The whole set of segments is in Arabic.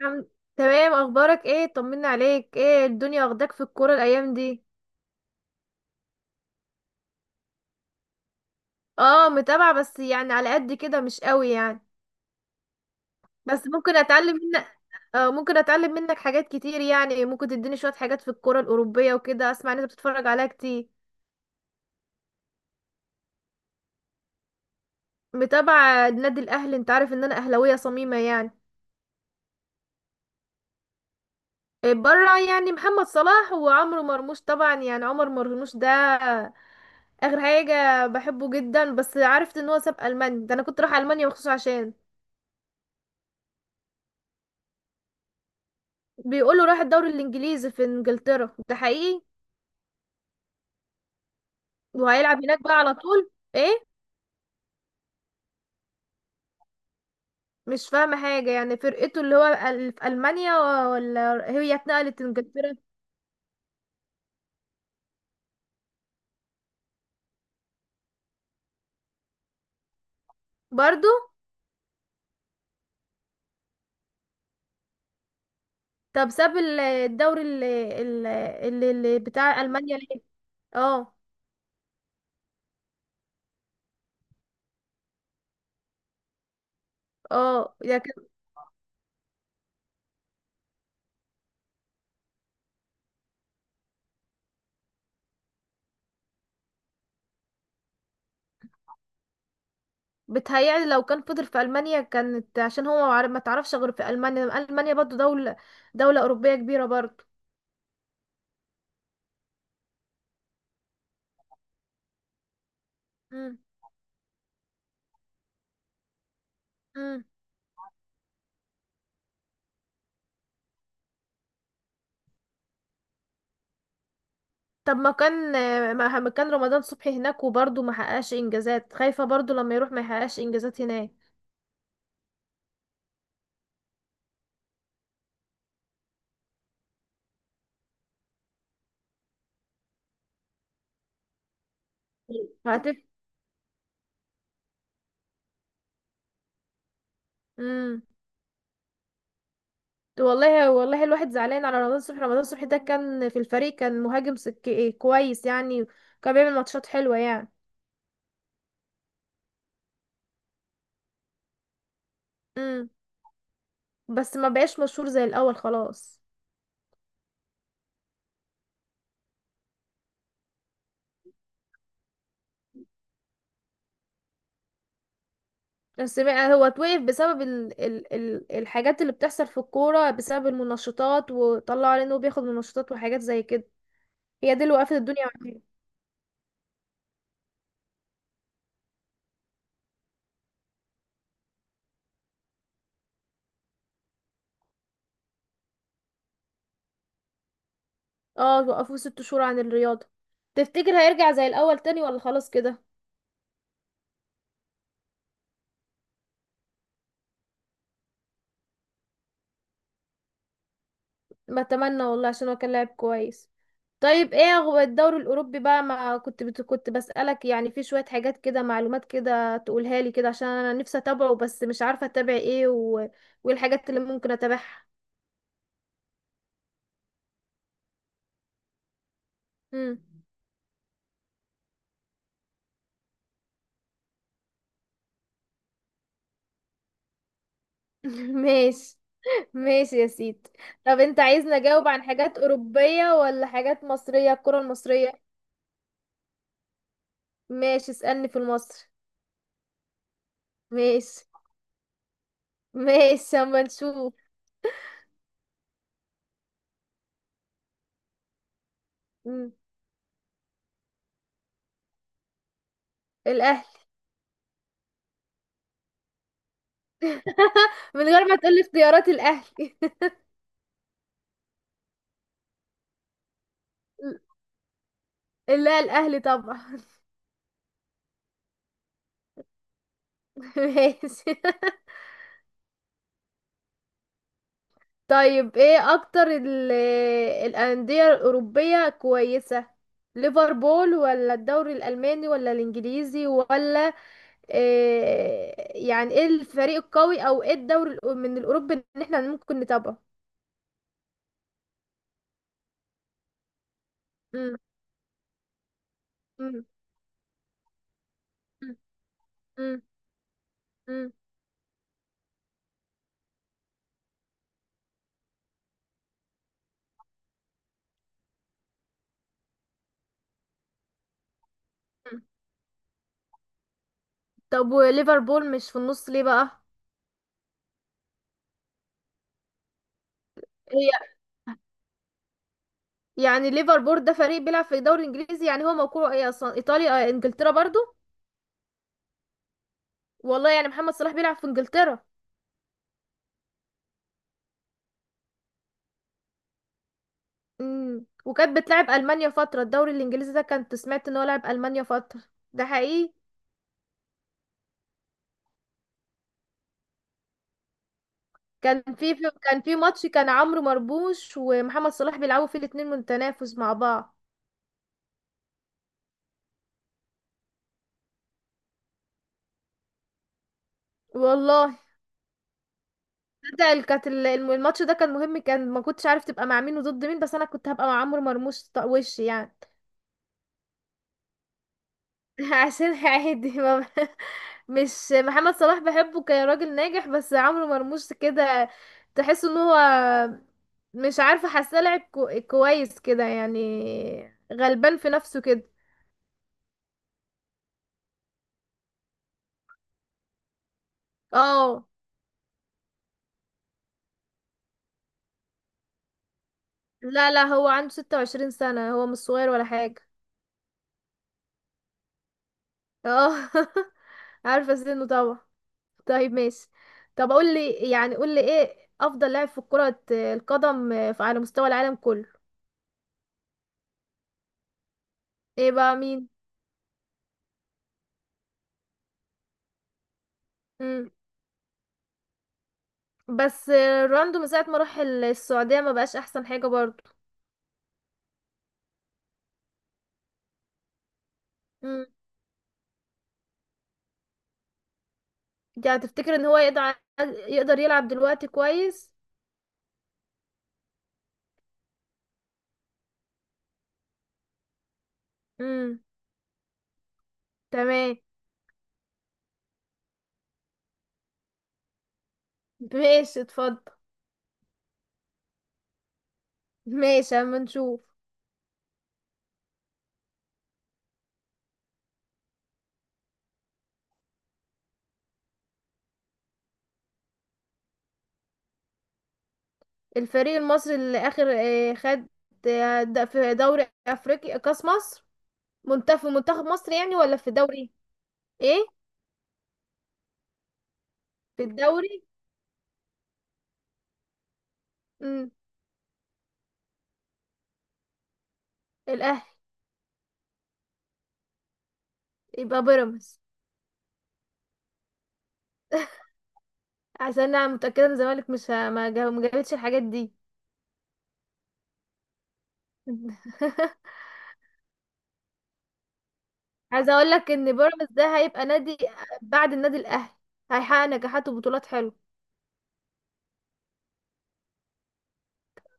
الحمد. تمام، اخبارك ايه؟ طمنا عليك، ايه الدنيا واخداك في الكوره الايام دي؟ اه، متابعه بس يعني على قد كده، مش قوي يعني. بس ممكن اتعلم منك. اه، ممكن اتعلم منك حاجات كتير يعني، ممكن تديني شويه حاجات في الكوره الاوروبيه وكده. اسمع ان انت بتتفرج عليها كتير. متابعه نادي الاهلي، انت عارف ان انا اهلاويه صميمه يعني. إيه، بره يعني محمد صلاح وعمرو مرموش طبعا، يعني عمر مرموش ده اخر حاجه بحبه جدا. بس عرفت ان هو ساب المانيا. ده انا كنت رايحه المانيا مخصوص عشان بيقولوا راح الدوري الانجليزي في انجلترا، ده حقيقي. وهيلعب هناك بقى على طول، ايه؟ مش فاهمه حاجه يعني، فرقته اللي هو في المانيا، ولا هي اتنقلت انجلترا؟ برضو. طب ساب الدوري اللي بتاع المانيا ليه؟ اه. اه، ده كان... بتهيألي لو كان فضل في المانيا كانت، عشان هو ما تعرفش غير في المانيا. المانيا برضو دوله اوروبيه كبيره برضو. مم. مم. طب ما كان رمضان صبحي هناك وبرضه ما حققش انجازات. خايفة برضه لما يروح ما يحققش انجازات هناك. هتف. امم والله، والله الواحد زعلان على رمضان صبحي. رمضان صبحي ده كان في الفريق، كان مهاجم سك... إيه كويس يعني، كان بيعمل ماتشات حلوة يعني. امم بس ما بقاش مشهور زي الأول خلاص. بس بقى هو اتوقف بسبب الحاجات اللي بتحصل في الكورة، بسبب المنشطات، وطلعوا عليه انه بياخد منشطات وحاجات زي كده. هي دي اللي وقفت الدنيا. اه، وقفوه 6 شهور عن الرياضة. تفتكر هيرجع زي الأول تاني، ولا خلاص كده؟ ما اتمنى والله، عشان هو كان لاعب كويس. طيب ايه هو الدوري الأوروبي بقى؟ ما كنت بت... كنت بسألك يعني في شوية حاجات كده، معلومات كده تقولها لي كده، عشان أنا نفسي أتابعه بس مش عارفة أتابع ايه وايه الحاجات اللي ممكن أتابعها. مم. ماشي. ماشي يا سيدي. طب انت عايزني أجاوب عن حاجات أوروبية ولا حاجات مصرية، الكرة المصرية؟ ماشي، اسألني في المصري. ماشي. ماشي، اما نشوف. مم. الاهلي. من غير ما تقولي اختيارات، الاهلي. لا، الاهلي طبعا. ماشي. طيب ايه اكتر الانديه الاوروبيه كويسه؟ ليفربول، ولا الدوري الالماني ولا الانجليزي، ولا إيه؟ يعني ايه الفريق القوي او ايه الدوري من الاوروبي ان احنا ممكن نتابعه؟ مم. مم. مم. مم. مم. طب وليفربول مش في النص ليه بقى؟ يعني ليفربول ده فريق بيلعب في الدوري الانجليزي، يعني هو موقعه ايه اصلا، ايطاليا؟ انجلترا برضو. والله يعني محمد صلاح بيلعب في انجلترا. وكانت بتلعب المانيا فتره الدوري الانجليزي ده. كنت سمعت ان هو لعب المانيا فتره، ده حقيقي؟ كان كان في ماتش، كان عمرو مرموش ومحمد صلاح بيلعبوا فيه الاتنين، متنافس مع بعض. والله. ده كانت الماتش ده كان مهم. كان ما كنتش عارف تبقى مع مين وضد مين، بس انا كنت هبقى مع عمرو مرموش، وش يعني. عشان عادي مش محمد صلاح بحبه كراجل ناجح، بس عمرو مرموش كده تحس ان هو... مش عارفه، حاسه لعب كويس كده يعني، غلبان في نفسه كده. اه. لا لا، هو عنده 26 سنة، هو مش صغير ولا حاجة. اه. عارفة سنه طبعا. طيب ماشي. طب قول لي، ايه افضل لاعب في كرة القدم على مستوى العالم كله؟ ايه بقى؟ مين؟ بس رونالدو من ساعة ما راح السعودية ما بقاش احسن حاجة برضو. امم يعني تفتكر ان هو يقدر، يلعب دلوقتي كويس؟ امم. تمام. ماشي، اتفضل. ماشي، اما نشوف. الفريق المصري اللي اخر خد، في دوري افريقيا، كاس مصر، في منتخب مصر يعني، ولا في دوري؟ ايه، في الدوري. امم. الاهلي. يبقى بيراميدز، عشان انا متأكدة ان الزمالك مش ه- ما جا- ما جابتش الحاجات دي. عايزه اقول لك ان بيراميدز ده هيبقى نادي بعد النادي الاهلي، هيحقق نجاحات وبطولات حلوه.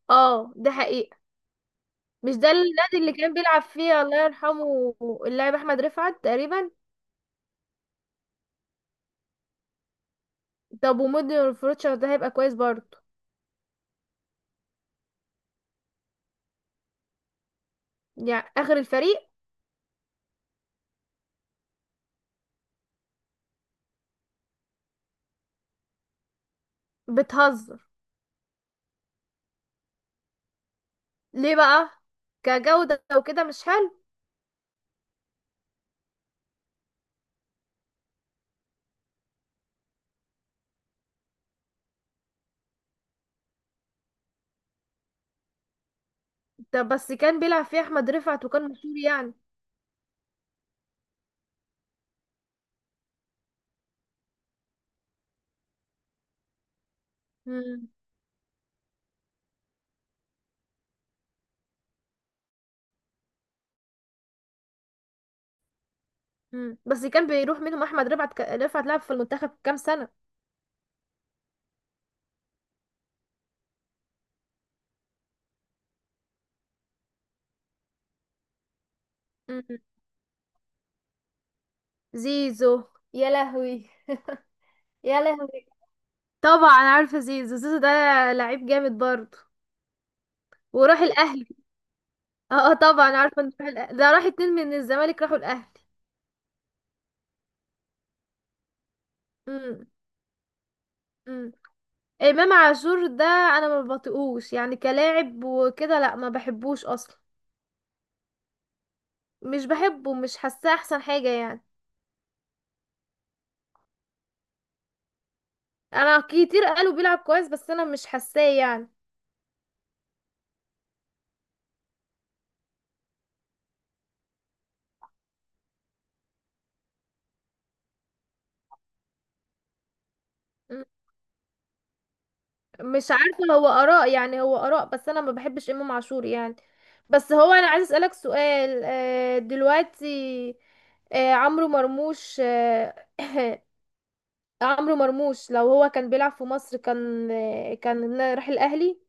اه، ده حقيقه. مش ده النادي اللي كان بيلعب فيه الله يرحمه، اللاعب احمد رفعت تقريبا؟ طب ومودي فروتشر ده هيبقى كويس برضه؟ يعني اخر الفريق؟ بتهزر؟ ليه بقى؟ كجوده وكده مش حلو؟ طب بس كان بيلعب فيه احمد رفعت وكان مشهور يعني. مم. مم. بس كان بيروح منهم احمد رفعت، رفعت لعب في المنتخب كام سنه. مم. زيزو. يا لهوي. يا لهوي، طبعا عارفه زيزو، زيزو ده لعيب جامد برضه. وراح الاهلي. اه، طبعا عارفه انه راح الاهلي، ده راح اتنين من الزمالك راحوا الاهلي. امم. امم. امام عاشور ده انا ما بطيقوش يعني كلاعب وكده، لا ما بحبوش اصلا. مش بحبه، مش حاساه احسن حاجه يعني. انا كتير قالوا بيلعب كويس، بس انا مش حاساه يعني. مش عارفة، هو آراء، يعني هو آراء، بس أنا ما بحبش إمام عاشور يعني. بس هو أنا عايز أسألك سؤال دلوقتي. عمرو مرموش عمرو مرموش لو هو كان بيلعب في مصر، كان كان راح الأهلي.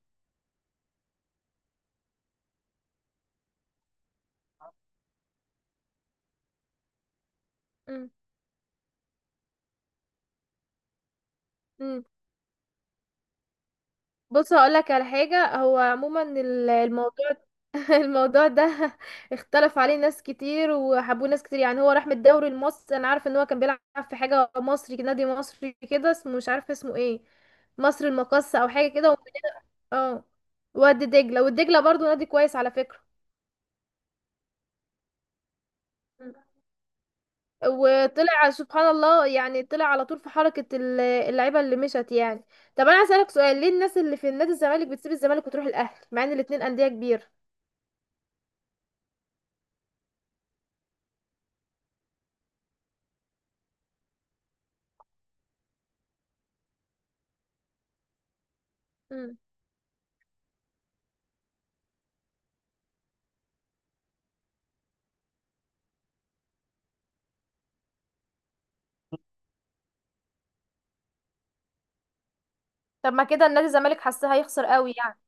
مم. مم. بص هقولك على حاجة، هو عموما الموضوع... الموضوع ده اختلف عليه ناس كتير، وحبوه ناس كتير. يعني هو راح من الدوري المصري، انا عارفه ان هو كان بيلعب في نادي مصري كده، اسمه مش عارفه اسمه ايه، مصر المقاصة او حاجه كده، ومن اه، وادي دجله، والدجله برضو نادي كويس على فكره. وطلع سبحان الله، يعني طلع على طول في حركه اللعيبه اللي مشت يعني. طب انا هسألك سؤال، ليه الناس اللي في النادي الزمالك بتسيب الزمالك وتروح الاهلي، مع ان الاتنين انديه كبيره؟ مم. طب ما كده النادي الزمالك حاسه هيخسر قوي يعني.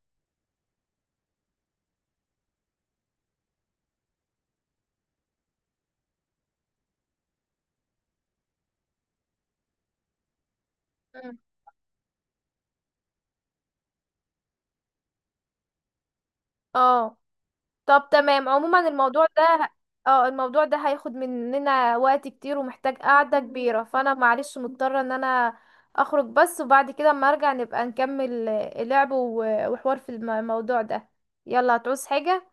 مم. اه. طب تمام، عموما الموضوع ده... اه، الموضوع ده هياخد مننا وقت كتير ومحتاج قعدة كبيرة، فانا معلش مضطرة ان انا اخرج بس، وبعد كده اما ارجع نبقى نكمل اللعب وحوار في الموضوع ده. يلا، هتعوز حاجة؟